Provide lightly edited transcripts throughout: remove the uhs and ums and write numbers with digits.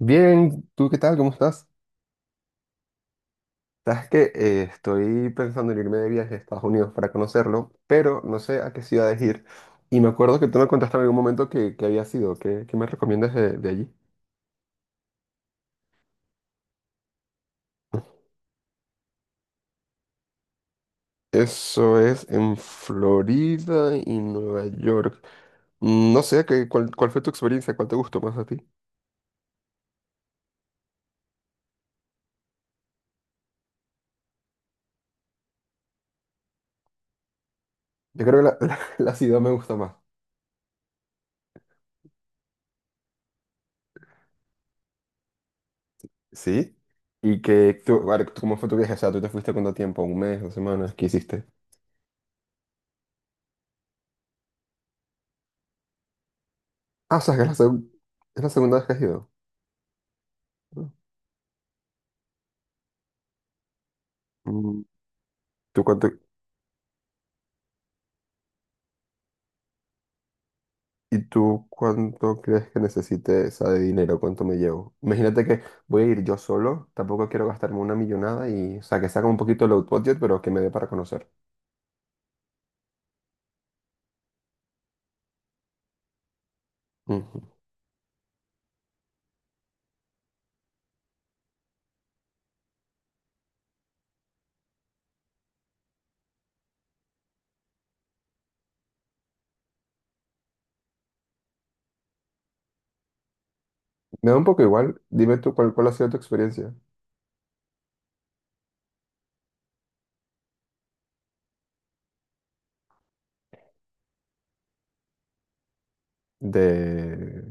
Bien, ¿tú qué tal? ¿Cómo estás? Sabes que estoy pensando en irme de viaje a Estados Unidos para conocerlo, pero no sé a qué ciudades ir. Y me acuerdo que tú me contaste en algún momento que había sido. ¿Qué me recomiendas de allí? Eso es en Florida y Nueva York. No sé, ¿cuál fue tu experiencia? ¿Cuál te gustó más a ti? Yo creo que la ciudad me gusta más. ¿Sí? ¿Y que tú, vale, cómo fue tu viaje? O sea, ¿tú te fuiste cuánto tiempo? ¿Un mes? ¿Dos semanas? ¿Qué hiciste? Ah, o sea, que es es la segunda vez que has ido. Mm, ¿Tú cuánto, y tú cuánto crees que necesite, o sea, de dinero? ¿Cuánto me llevo? Imagínate que voy a ir yo solo, tampoco quiero gastarme una millonada y, o sea, que saca un poquito low budget, pero que me dé para conocer. Ujú. Me da un poco igual. Dime tú cuál ha sido tu experiencia de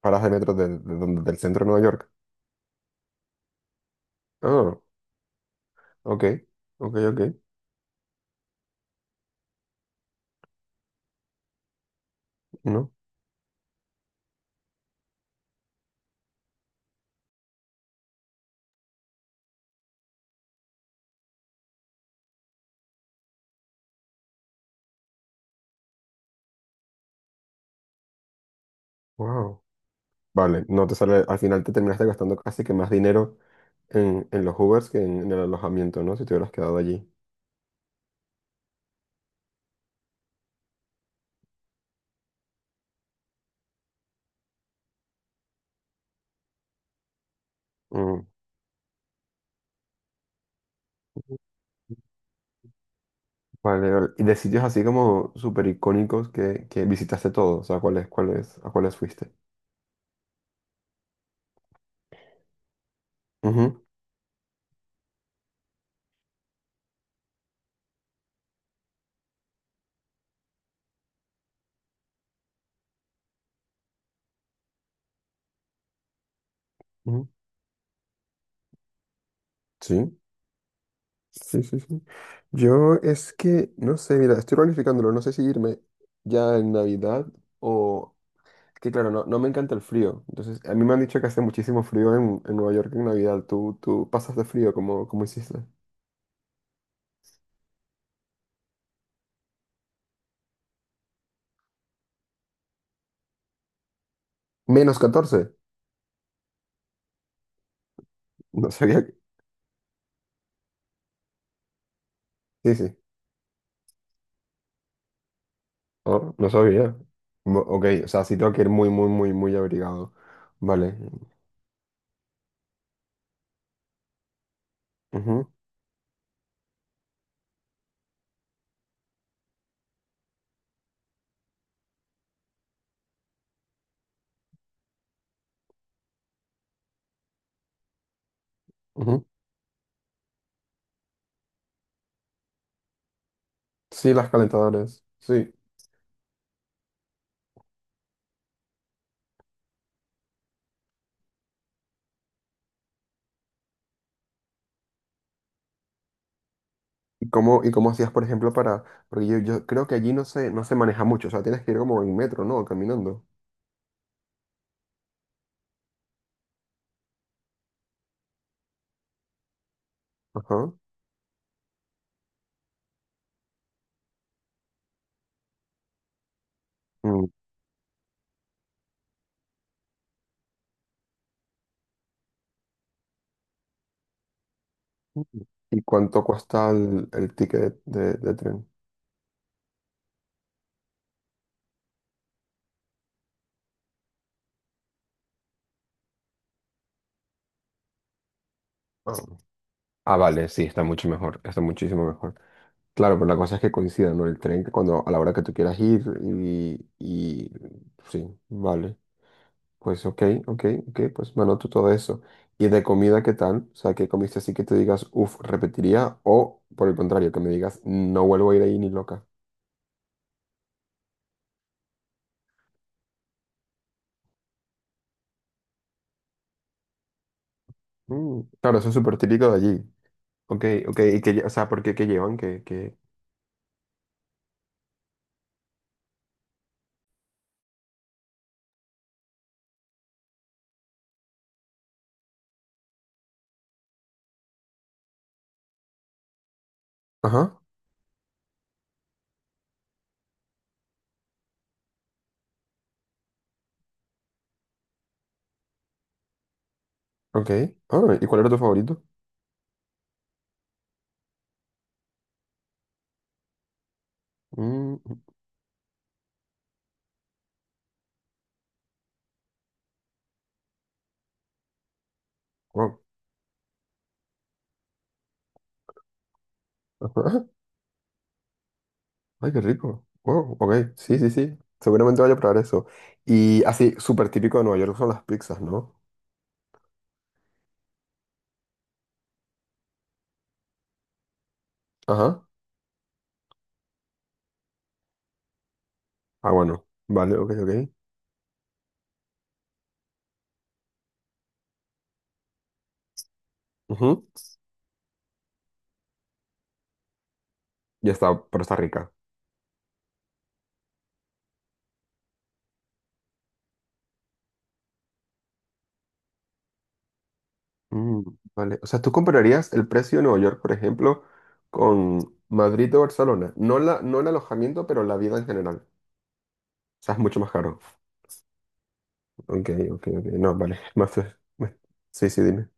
paradas de metro del centro de Nueva York. Ah, ok, ok, ok. No, wow. Vale, no te sale, al final te terminaste gastando casi que más dinero en los Ubers que en el alojamiento, ¿no? Si te hubieras quedado allí. Mm. Vale, vale. Y de sitios así como súper icónicos que visitaste todos, o sea, ¿a cuáles fuiste? Ujú, ujú. Sí, sí, sí, sí. Yo es que, no sé, mira, estoy planificándolo, no sé si irme ya en Navidad o... Es que claro, no, no me encanta el frío. Entonces, a mí me han dicho que hace muchísimo frío en Nueva York en Navidad. ¿Tú pasas de frío como hiciste? Menos 14. No sabía que... Sí, sí. Oh, no sabía. Mo- ok, o sea, sí tengo que ir muy abrigado. Vale. Ujú, ujú. Sí, las calentadoras. Sí. ¿Y cómo hacías, por ejemplo, para...? Porque yo creo que allí no se maneja mucho. O sea, tienes que ir como en metro, ¿no? Caminando. Ajá. Mm. ¿Y cuánto cuesta el ticket de tren? Ah. Ah, vale, sí, está mucho mejor. Está muchísimo mejor. Claro, pero la cosa es que coincida, ¿no? El tren que cuando, a la hora que tú quieras ir y... Sí, vale. Pues ok, ok, ok, pues me anoto todo eso. ¿Y de comida qué tal? O sea, ¿qué comiste así que te digas, uff, repetiría? O por el contrario, que me digas, no vuelvo a ir ahí ni loca. Mm, claro, eso es súper típico de allí. Ok, ok, y que, o sea, ¿por qué qué llevan? Que ajá, ok. Ah, ¿y cuál era tu favorito? Mm, wow. Ajá. Ay, qué rico. Wow, ok, sí, sí, sí. Seguramente vaya a probar eso. Y así, súper típico de Nueva York son las pizzas, ¿no? Ajá. Ah, bueno. Vale, ok, ok. Ujú. Ya está, pero está rica. Mm, vale. O sea, tú compararías el precio de Nueva York, por ejemplo, con Madrid o Barcelona. No el alojamiento, pero la vida en general. O sea, es mucho más caro. Ok, ok, ok. No, vale. Más, fe- me- Sí, sí, dime.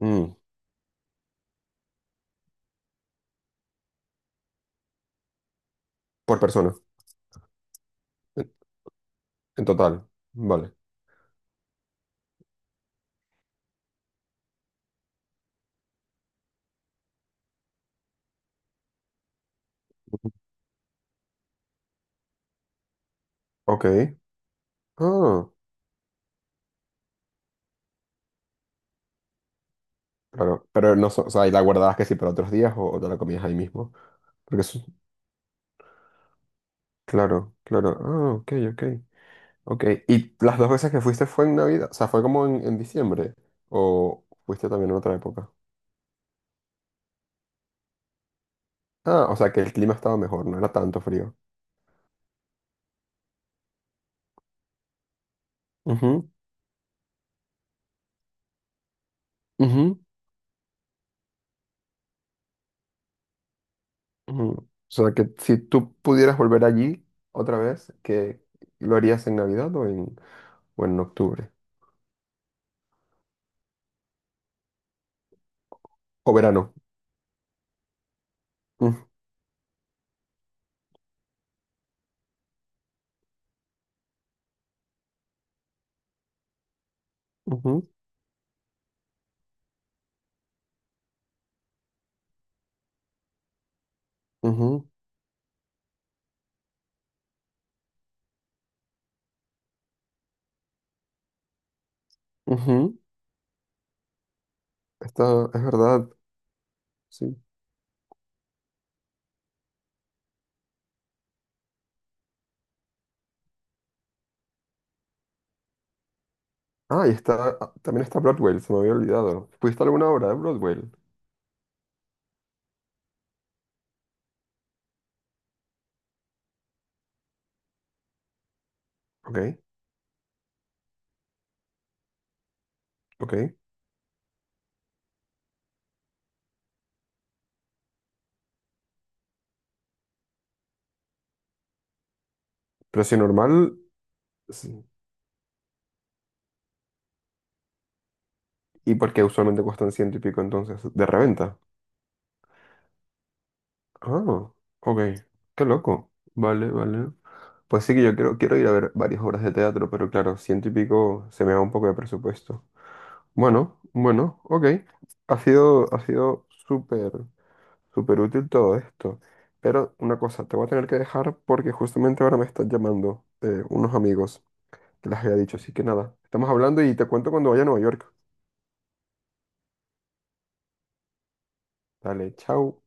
Mm, por persona, en, en total. Vale. Ok. Ah, claro. Pero no, so- o sea, ¿y la guardabas que sí para otros días o te la comías ahí mismo? Porque eso, claro, claro. Ah, ok, ok. Ok, ¿y las dos veces que fuiste fue en Navidad? O sea, ¿fue como en diciembre? ¿O fuiste también en otra época? Ah, o sea, que el clima estaba mejor, no era tanto frío. Ujú, ujú, ujú. O sea, que si tú pudieras volver allí otra vez, ¿qué lo harías en Navidad o en octubre? O verano. Mm, ujú, ujú, ujú. Está, es verdad, sí. Ah, y está, ah, también está Broadway, se me había olvidado. ¿Fuiste a alguna obra de Broadway? Ok, ok. Pero si normal... sí. ¿Y por qué usualmente cuestan ciento y pico entonces? ¿De reventa? Ah, ok. Qué loco. Vale, vale. Pues sí que quiero ir a ver varias obras de teatro, pero claro, ciento y pico se me va un poco de presupuesto. Bueno, bueno, ok. Ha sido súper, súper útil todo esto. Pero una cosa, te voy a tener que dejar porque justamente ahora me están llamando unos amigos que les había dicho. Así que nada, estamos hablando y te cuento cuando vaya a Nueva York. Dale, chao.